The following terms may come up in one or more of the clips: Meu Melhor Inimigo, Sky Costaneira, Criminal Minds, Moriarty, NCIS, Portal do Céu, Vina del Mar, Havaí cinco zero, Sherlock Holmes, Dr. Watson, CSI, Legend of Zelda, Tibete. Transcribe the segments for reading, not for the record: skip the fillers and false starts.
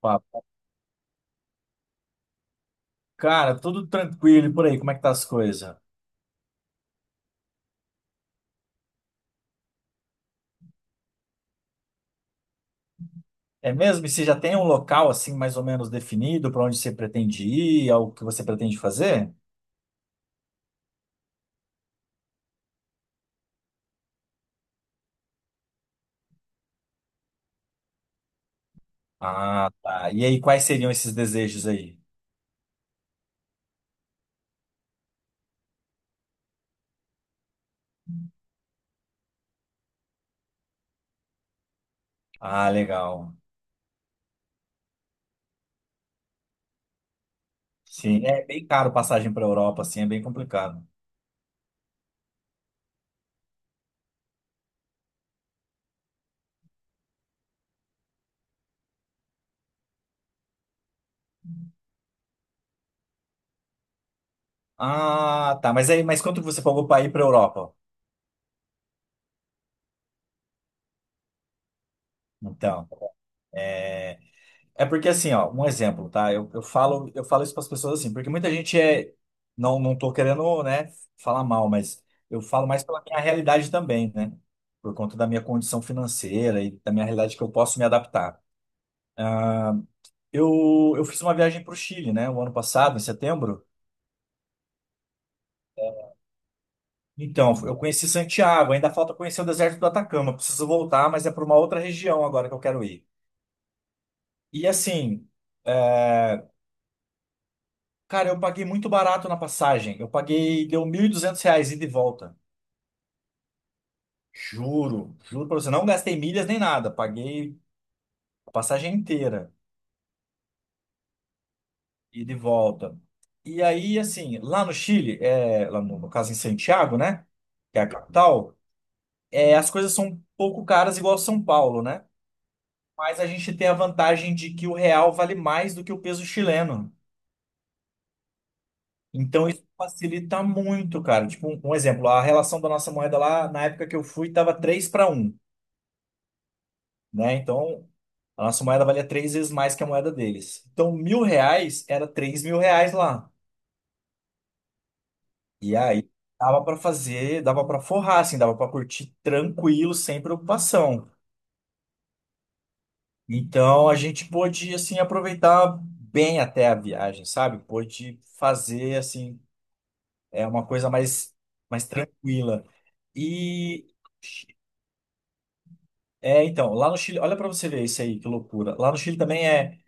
Papo. Cara, tudo tranquilo e por aí, como é que tá as coisas? É mesmo? E você já tem um local assim mais ou menos definido para onde você pretende ir, ao que você pretende fazer? Ah, tá. E aí, quais seriam esses desejos aí? Ah, legal. Sim, é bem caro passagem para Europa, assim, é bem complicado. Ah, tá. Mas aí, mas quanto você pagou para ir para Europa? Então. É, é porque assim, ó, um exemplo, tá? Eu falo isso para as pessoas assim, porque muita gente não, não tô querendo, né, falar mal, mas eu falo mais pela minha realidade também, né? Por conta da minha condição financeira e da minha realidade que eu posso me adaptar. Eu fiz uma viagem para o Chile, né, o ano passado, em setembro. Então, eu conheci Santiago, ainda falta conhecer o deserto do Atacama. Preciso voltar, mas é para uma outra região agora que eu quero ir. E assim, é, cara, eu paguei muito barato na passagem. Eu paguei, deu 1.200 reais ida e volta. Juro, juro pra você, não gastei milhas nem nada, paguei a passagem inteira e de volta. E aí, assim, lá no Chile, é, lá no caso em Santiago, né, que é a capital, é, as coisas são um pouco caras igual São Paulo, né? Mas a gente tem a vantagem de que o real vale mais do que o peso chileno. Então isso facilita muito, cara. Tipo, um exemplo, a relação da nossa moeda lá, na época que eu fui, tava 3 para 1, né? Então, a nossa moeda valia 3 vezes mais que a moeda deles. Então, 1.000 reais era 3.000 reais lá. E aí, dava para fazer, dava para forrar, assim, dava para curtir tranquilo, sem preocupação. Então, a gente pôde, assim, aproveitar bem até a viagem, sabe? Pôde fazer, assim, é uma coisa mais, mais tranquila. E... é, então, lá no Chile, olha para você ver isso aí, que loucura. Lá no Chile também é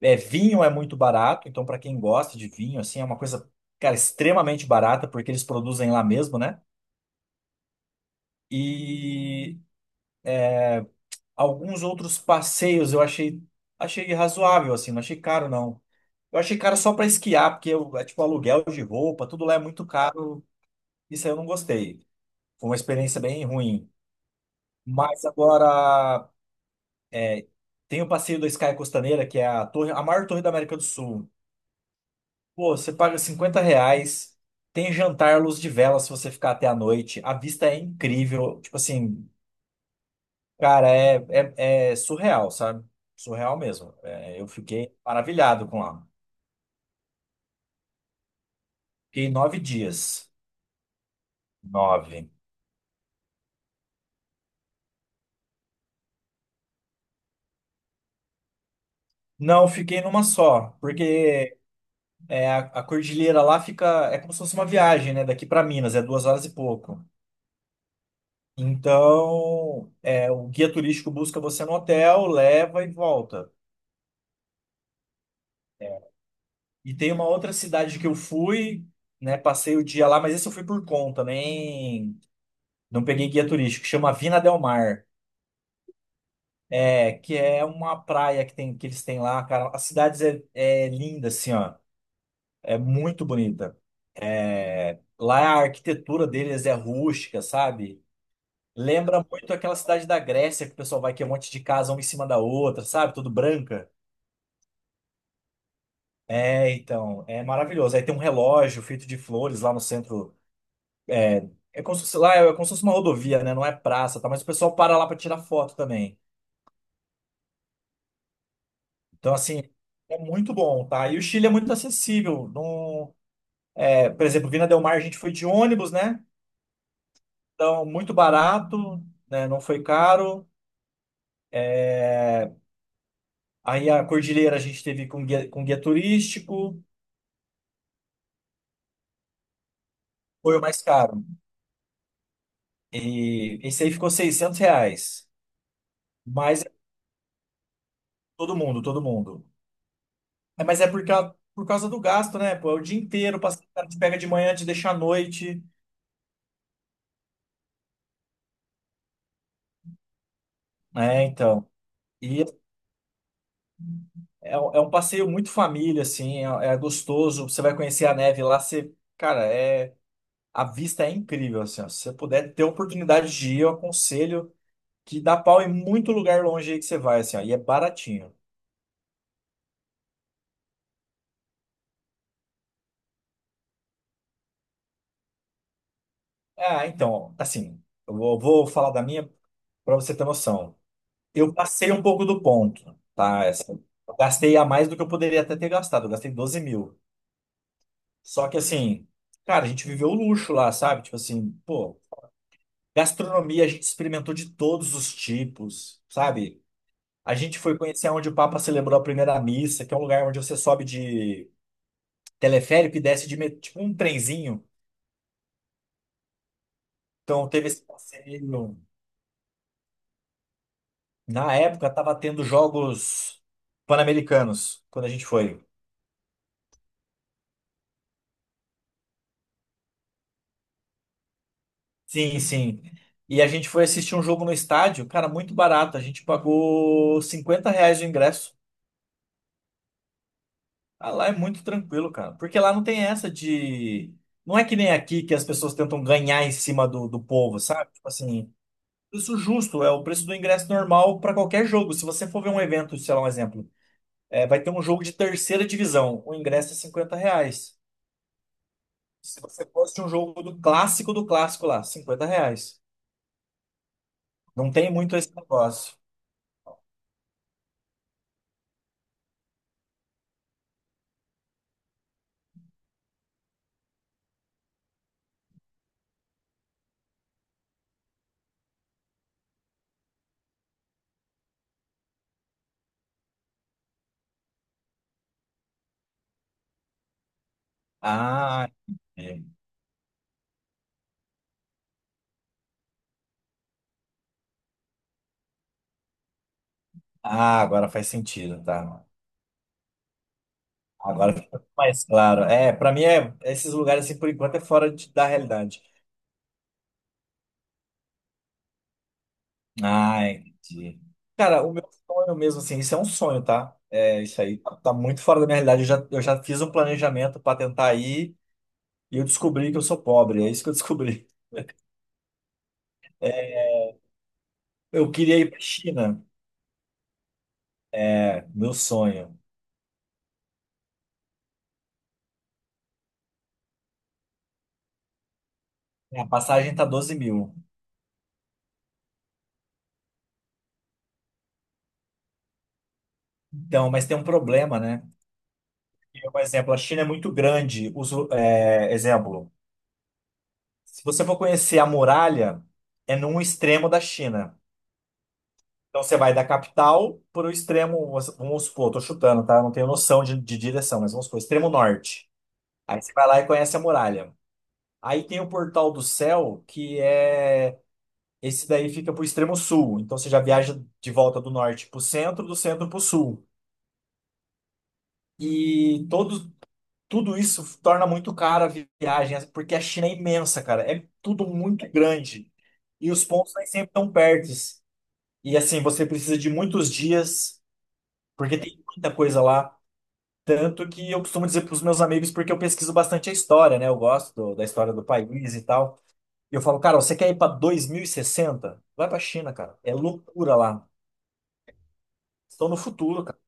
é, vinho é muito barato, então para quem gosta de vinho, assim, é uma coisa, cara, extremamente barata, porque eles produzem lá mesmo, né? E alguns outros passeios achei razoável, assim, não achei caro, não. Eu achei caro só para esquiar, porque é tipo aluguel de roupa, tudo lá é muito caro, isso aí eu não gostei. Foi uma experiência bem ruim. Mas agora tem o passeio da Sky Costaneira, que é a torre, a maior torre da América do Sul. Pô, você paga 50 reais, tem jantar à luz de vela se você ficar até a noite. A vista é incrível. Tipo assim, cara, é surreal, sabe? Surreal mesmo. É, eu fiquei maravilhado com lá. Fiquei 9 dias. Nove. Não, fiquei numa só, porque é, a cordilheira lá fica. É como se fosse uma viagem, né? Daqui para Minas, é 2 horas e pouco. Então, é, o guia turístico busca você no hotel, leva e volta. E tem uma outra cidade que eu fui, né? Passei o dia lá, mas esse eu fui por conta, nem não peguei guia turístico, chama Vina del Mar. É, que é uma praia que tem que eles têm lá, cara. As cidades é, é linda, assim, ó. É muito bonita. É, lá a arquitetura deles é rústica, sabe? Lembra muito aquela cidade da Grécia que o pessoal vai que é um monte de casa uma em cima da outra, sabe? Tudo branca. É, então, é maravilhoso. Aí tem um relógio feito de flores lá no centro. É, é como se fosse, lá é como se fosse uma rodovia, né? Não é praça, tá? Mas o pessoal para lá para tirar foto também. Então, assim, é muito bom, tá? E o Chile é muito acessível. Não, é, por exemplo, Vina del Mar a gente foi de ônibus, né? Então, muito barato, né? Não foi caro. Aí a Cordilheira a gente teve com guia turístico, foi o mais caro. E esse aí ficou 600 reais. Mas é todo mundo, todo mundo. É, mas é por, por causa do gasto, né? Pô, é o dia inteiro, o cara te pega de manhã, te deixa à noite. É, então. E é um passeio muito família, assim, é, é gostoso. Você vai conhecer a neve lá, você, cara, é a vista é incrível, assim, ó. Se você puder ter a oportunidade de ir, eu aconselho que dá pau em muito lugar longe aí que você vai, assim, ó, e é baratinho. Ah, então, assim, eu vou falar da minha para você ter noção. Eu passei um pouco do ponto, tá? Assim, eu gastei a mais do que eu poderia até ter gastado, eu gastei 12 mil. Só que assim, cara, a gente viveu o luxo lá, sabe? Tipo assim, pô. Gastronomia, a gente experimentou de todos os tipos, sabe? A gente foi conhecer onde o Papa celebrou a primeira missa, que é um lugar onde você sobe de teleférico e desce de tipo um trenzinho. Então teve esse passeio. Na época tava tendo jogos pan-americanos quando a gente foi. Sim, sim. E a gente foi assistir um jogo no estádio, cara, muito barato. A gente pagou 50 reais o ingresso. Ah, lá é muito tranquilo, cara. Porque lá não tem essa de. Não é que nem aqui que as pessoas tentam ganhar em cima do povo, sabe? Tipo assim, preço justo é o preço do ingresso normal para qualquer jogo. Se você for ver um evento, sei lá, um exemplo, é, vai ter um jogo de terceira divisão, o ingresso é 50 reais. Se você fosse um jogo do clássico lá, 50 reais. Não tem muito esse negócio. Ah, é. Ah, agora faz sentido, tá? Agora ficou mais claro. É, pra mim é esses lugares assim por enquanto é da realidade. Ah, entendi. Cara, o meu sonho mesmo assim, isso é um sonho, tá? É, isso aí tá muito fora da minha realidade. Eu já fiz um planejamento pra tentar ir e eu descobri que eu sou pobre. É isso que eu descobri. É, eu queria ir pra China. É, meu sonho. A passagem tá 12 mil. Então, mas tem um problema, né? Por exemplo, a China é muito grande. Os, é, exemplo. Se você for conhecer a muralha, é num extremo da China. Então você vai da capital para o extremo, vamos supor, tô chutando, tá? Não tenho noção de direção, mas vamos supor, extremo norte. Aí você vai lá e conhece a muralha. Aí tem o Portal do Céu, que é. Esse daí fica pro extremo sul. Então você já viaja de volta do norte pro centro, do centro pro sul. E tudo isso torna muito cara a viagem, porque a China é imensa, cara. É tudo muito grande. E os pontos aí sempre estão perto. E assim, você precisa de muitos dias, porque tem muita coisa lá. Tanto que eu costumo dizer para os meus amigos, porque eu pesquiso bastante a história, né? Eu gosto da história do país e tal. E eu falo, cara, você quer ir para 2060? Vai para a China, cara. É loucura lá. Estão no futuro, cara.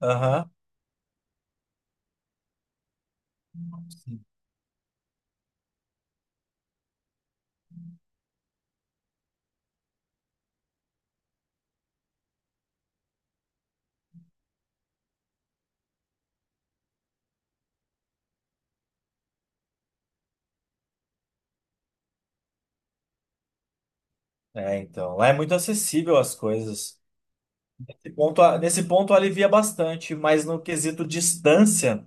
Aham. É, então. Lá é muito acessível as coisas. Nesse ponto alivia bastante, mas no quesito distância.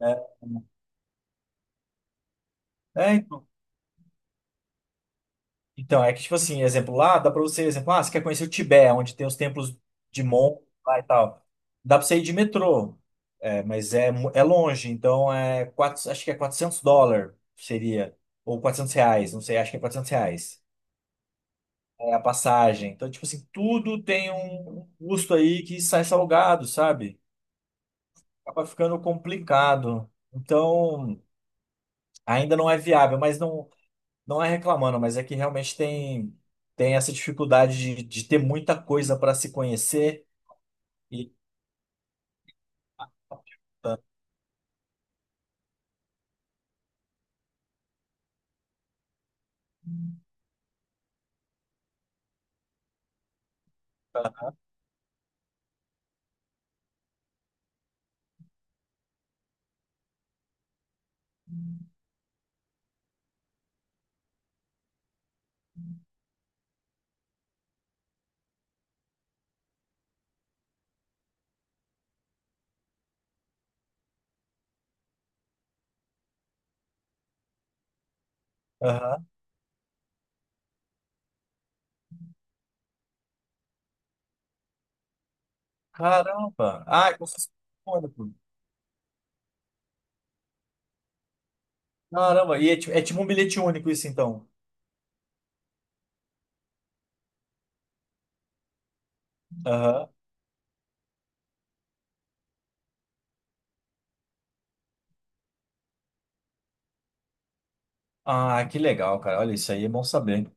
Né? É, então, é que, tipo assim, exemplo, lá dá pra você, exemplo, ah, você quer conhecer o Tibete, onde tem os templos de Mon lá e tal. Dá pra você ir de metrô, é, mas é, é longe, então é acho que é 400 dólares seria, ou 400 reais, não sei, acho que é 400 reais. É a passagem. Então, tipo assim, tudo tem um custo aí que sai salgado, sabe? Acaba ficando complicado. Então, ainda não é viável, mas não. Não é reclamando, mas é que realmente tem essa dificuldade de ter muita coisa para se conhecer. E, aham. Caramba! Ah, é como se fosse um único. Caramba! E é, é tipo um bilhete único isso, então. Aham. Ah, que legal, cara. Olha, isso aí é bom saber.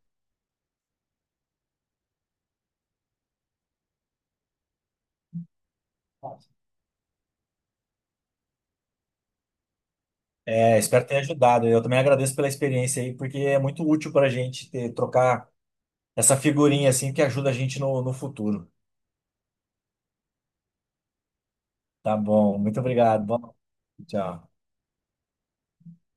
É, espero ter ajudado. Eu também agradeço pela experiência aí, porque é muito útil para a gente ter, trocar essa figurinha assim que ajuda a gente no, no futuro. Tá bom, muito obrigado. Bom, tchau.